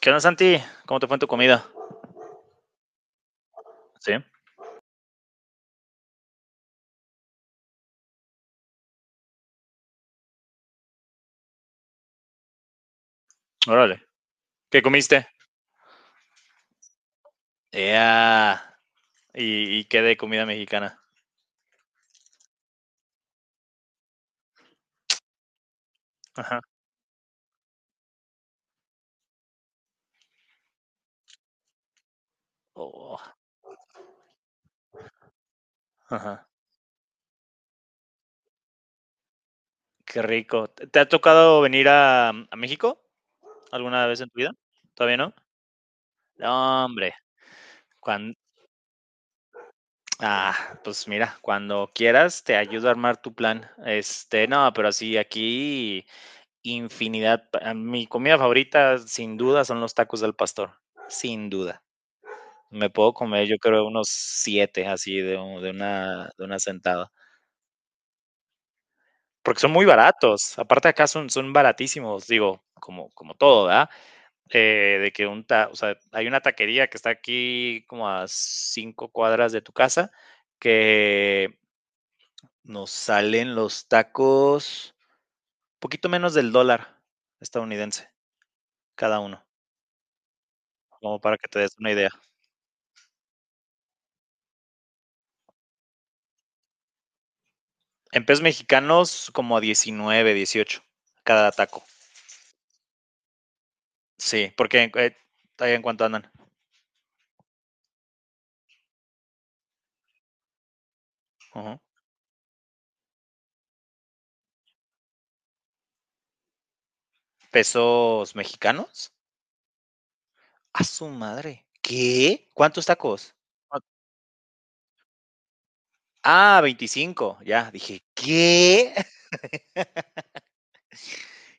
¿Qué onda, Santi? ¿Cómo te fue en tu comida? Sí, órale. ¿Qué comiste? Ya. ¿Y qué de comida mexicana? Ajá. Oh, ajá. Qué rico. ¿Te ha tocado venir a México alguna vez en tu vida? ¿Todavía no? No, hombre. Cuan- ah, pues mira, cuando quieras te ayudo a armar tu plan. Este, no, pero sí, aquí infinidad. Mi comida favorita, sin duda, son los tacos del pastor. Sin duda. Me puedo comer, yo creo, unos 7 así de una sentada, porque son muy baratos. Aparte acá son baratísimos, digo, como todo, ¿verdad? De que un ta o sea, hay una taquería que está aquí como a 5 cuadras de tu casa, que nos salen los tacos poquito menos del dólar estadounidense cada uno, como para que te des una idea. En pesos mexicanos, como a 19 18 cada taco. Sí, porque ahí en cuánto andan. Ujú. ¿Pesos mexicanos? A su madre. ¿Qué? ¿Cuántos tacos? Ah, ah, 25. Ya, dije, ¿qué?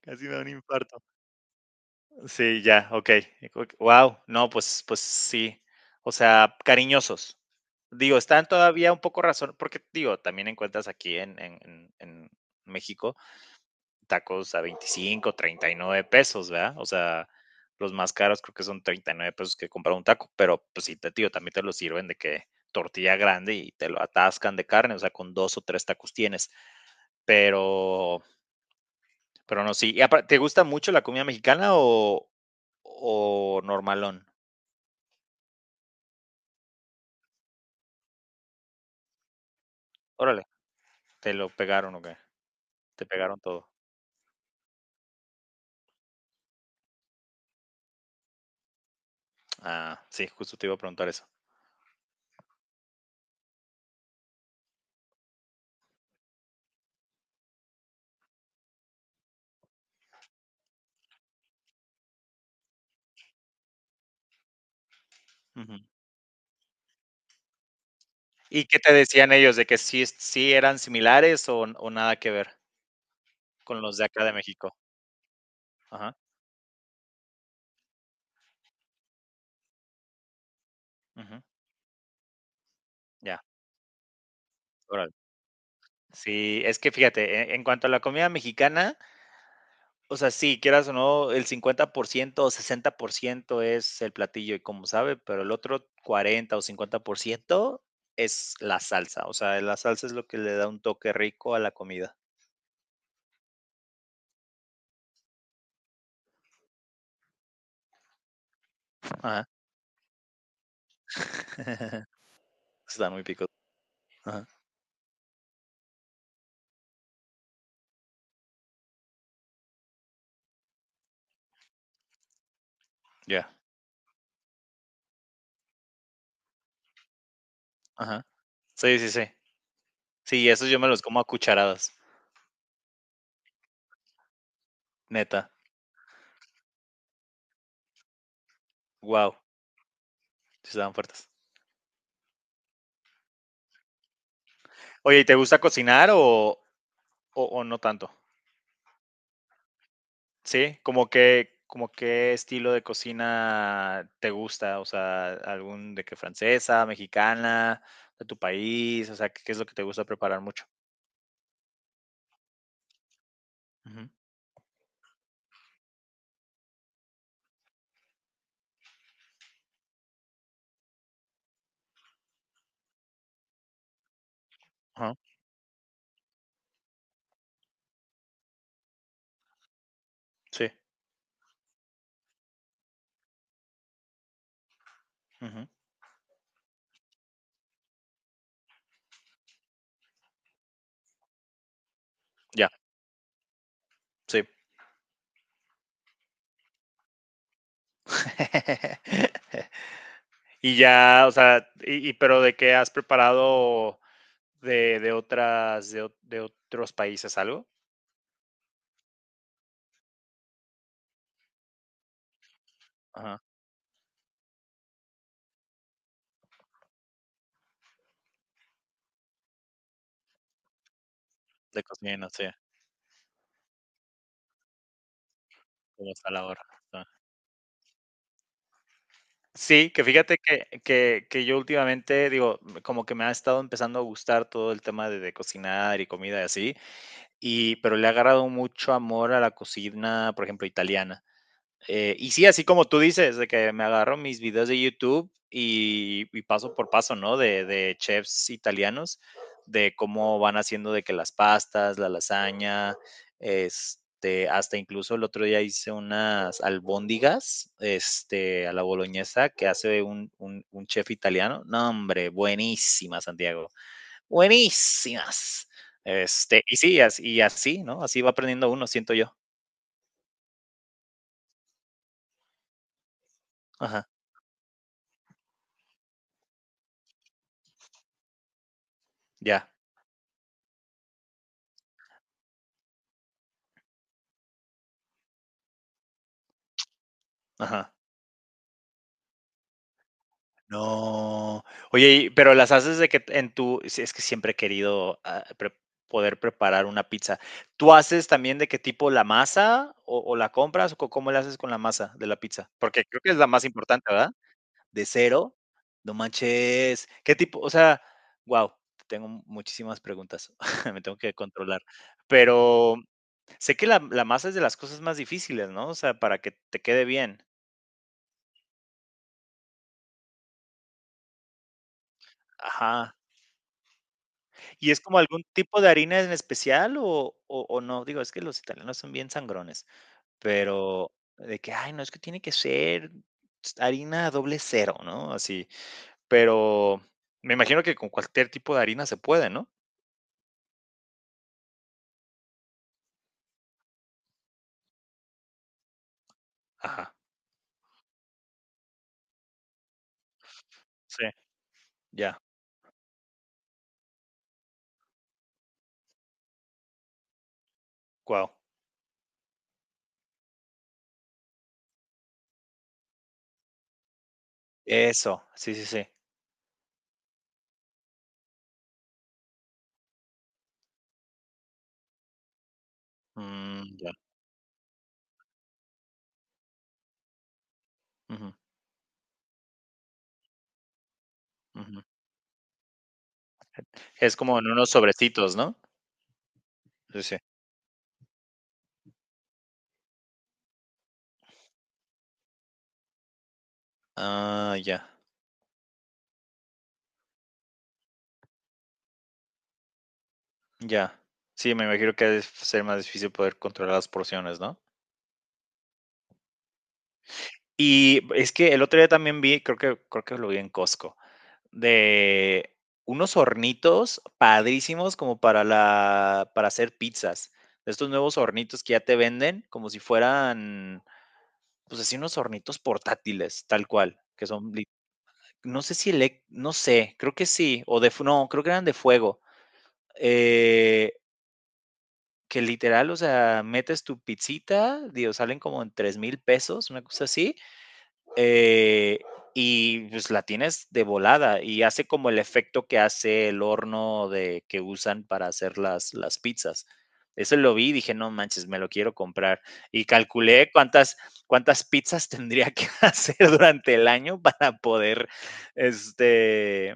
Casi me da un infarto. Sí, ya, ok. Wow, no, pues, pues sí. O sea, cariñosos. Digo, están todavía un poco razón, porque digo, también encuentras aquí en México tacos a 25 39 pesos, ¿verdad? O sea, los más caros creo que son 39 pesos que comprar un taco, pero pues sí, te, tío, también te lo sirven de que tortilla grande y te lo atascan de carne, o sea, con dos o tres tacos tienes, pero, pero no, sí. ¿Te gusta mucho la comida mexicana o normalón? Órale, te lo pegaron o qué, te pegaron todo. Ah, sí, justo te iba a preguntar eso. Ujú. ¿Y qué te decían ellos de que sí, sí eran similares o nada que ver con los de acá de México? Ajá, ujú, ya, órale. Sí, es que fíjate, en cuanto a la comida mexicana, o sea, sí, quieras o no, el 50% o 60% es el platillo y como sabe, pero el otro 40 o 50% es la salsa, o sea, la salsa es lo que le da un toque rico a la comida. Ajá. Están muy picos. Ajá, ya, ajá. Sí, sí, sí. Sí, esos yo me los como a cucharadas, neta. Wow, sí estaban fuertes. Oye, ¿y te gusta cocinar o no tanto? Sí, como que como qué estilo de cocina te gusta, o sea, algún de que francesa, mexicana, de tu país, o sea, ¿qué es lo que te gusta preparar mucho? Ujú, ajá, sí, ujú, ya, sí. Y ya, o sea, y pero, ¿de qué has preparado de otros países algo? Ajá, de cocina, sí, como hasta la hora. Sí, que fíjate que yo últimamente, digo, como que me ha estado empezando a gustar todo el tema de cocinar y comida y así, y pero le ha agarrado mucho amor a la cocina, por ejemplo, italiana. Y sí, así como tú dices, de que me agarro mis videos de YouTube y paso por paso, ¿no? De chefs italianos, de cómo van haciendo de que las pastas, la lasaña, este, hasta incluso el otro día hice unas albóndigas, este, a la boloñesa que hace un, chef italiano. No, hombre, buenísimas, Santiago, buenísimas. Este, y sí, así, y así, ¿no? Así va aprendiendo uno, siento yo. Ajá, ya, ajá. No. Oye, y pero las haces de que en tu sí, es que siempre he querido, ah, pre poder preparar una pizza. ¿Tú haces también de qué tipo la masa o la compras, o cómo le haces con la masa de la pizza? Porque creo que es la más importante, ¿verdad? ¿De cero? No manches. ¿Qué tipo? O sea, wow. Tengo muchísimas preguntas. Me tengo que controlar. Pero sé que la masa es de las cosas más difíciles, ¿no? O sea, para que te quede bien. Ajá. ¿Y es como algún tipo de harina en especial o no? Digo, es que los italianos son bien sangrones, pero de que: "Ay, no, es que tiene que ser harina doble cero", ¿no? Así, pero me imagino que con cualquier tipo de harina se puede, ¿no? Ajá, sí, ya, guau. Eso, sí, sí, sí. Mm, ya, ujú, ujú. Es como en unos sobrecitos, ¿no? Sí, sí. Ah, ya, ya. Sí, me imagino que debe ser más difícil poder controlar las porciones, ¿no? Y es que el otro día también vi, creo que lo vi en Costco, de unos hornitos padrísimos como para la, para hacer pizzas. De estos nuevos hornitos que ya te venden, como si fueran, pues así unos hornitos portátiles, tal cual, que son, no sé si, no sé, creo que sí, o de, no, creo que eran de fuego. eh, que literal, o sea, metes tu pizzita, digo, salen como en 3,000 pesos, una cosa así. Eh, y pues la tienes de volada y hace como el efecto que hace el horno de, que usan para hacer las pizzas. Eso lo vi y dije, no manches, me lo quiero comprar. Y calculé cuántas, cuántas pizzas tendría que hacer durante el año para poder, este,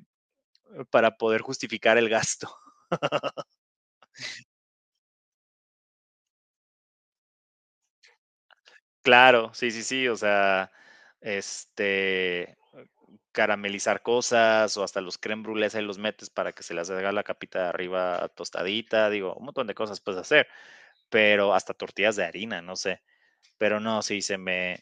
para poder justificar el gasto. Claro, sí, sí, sí, o sea, este, caramelizar cosas o hasta los crème brûlés ahí los metes para que se les haga la capita de arriba tostadita, digo, un montón de cosas puedes hacer, pero hasta tortillas de harina, no sé, pero no, sí,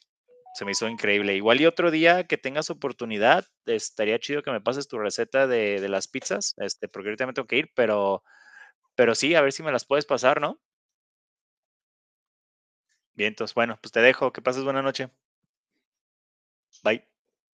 se me hizo increíble. Igual y otro día que tengas oportunidad, estaría chido que me pases tu receta de las pizzas, este, porque ahorita me tengo que ir, pero sí, a ver si me las puedes pasar, ¿no? Bien, entonces, bueno, pues te dejo, que pases buena noche, bye.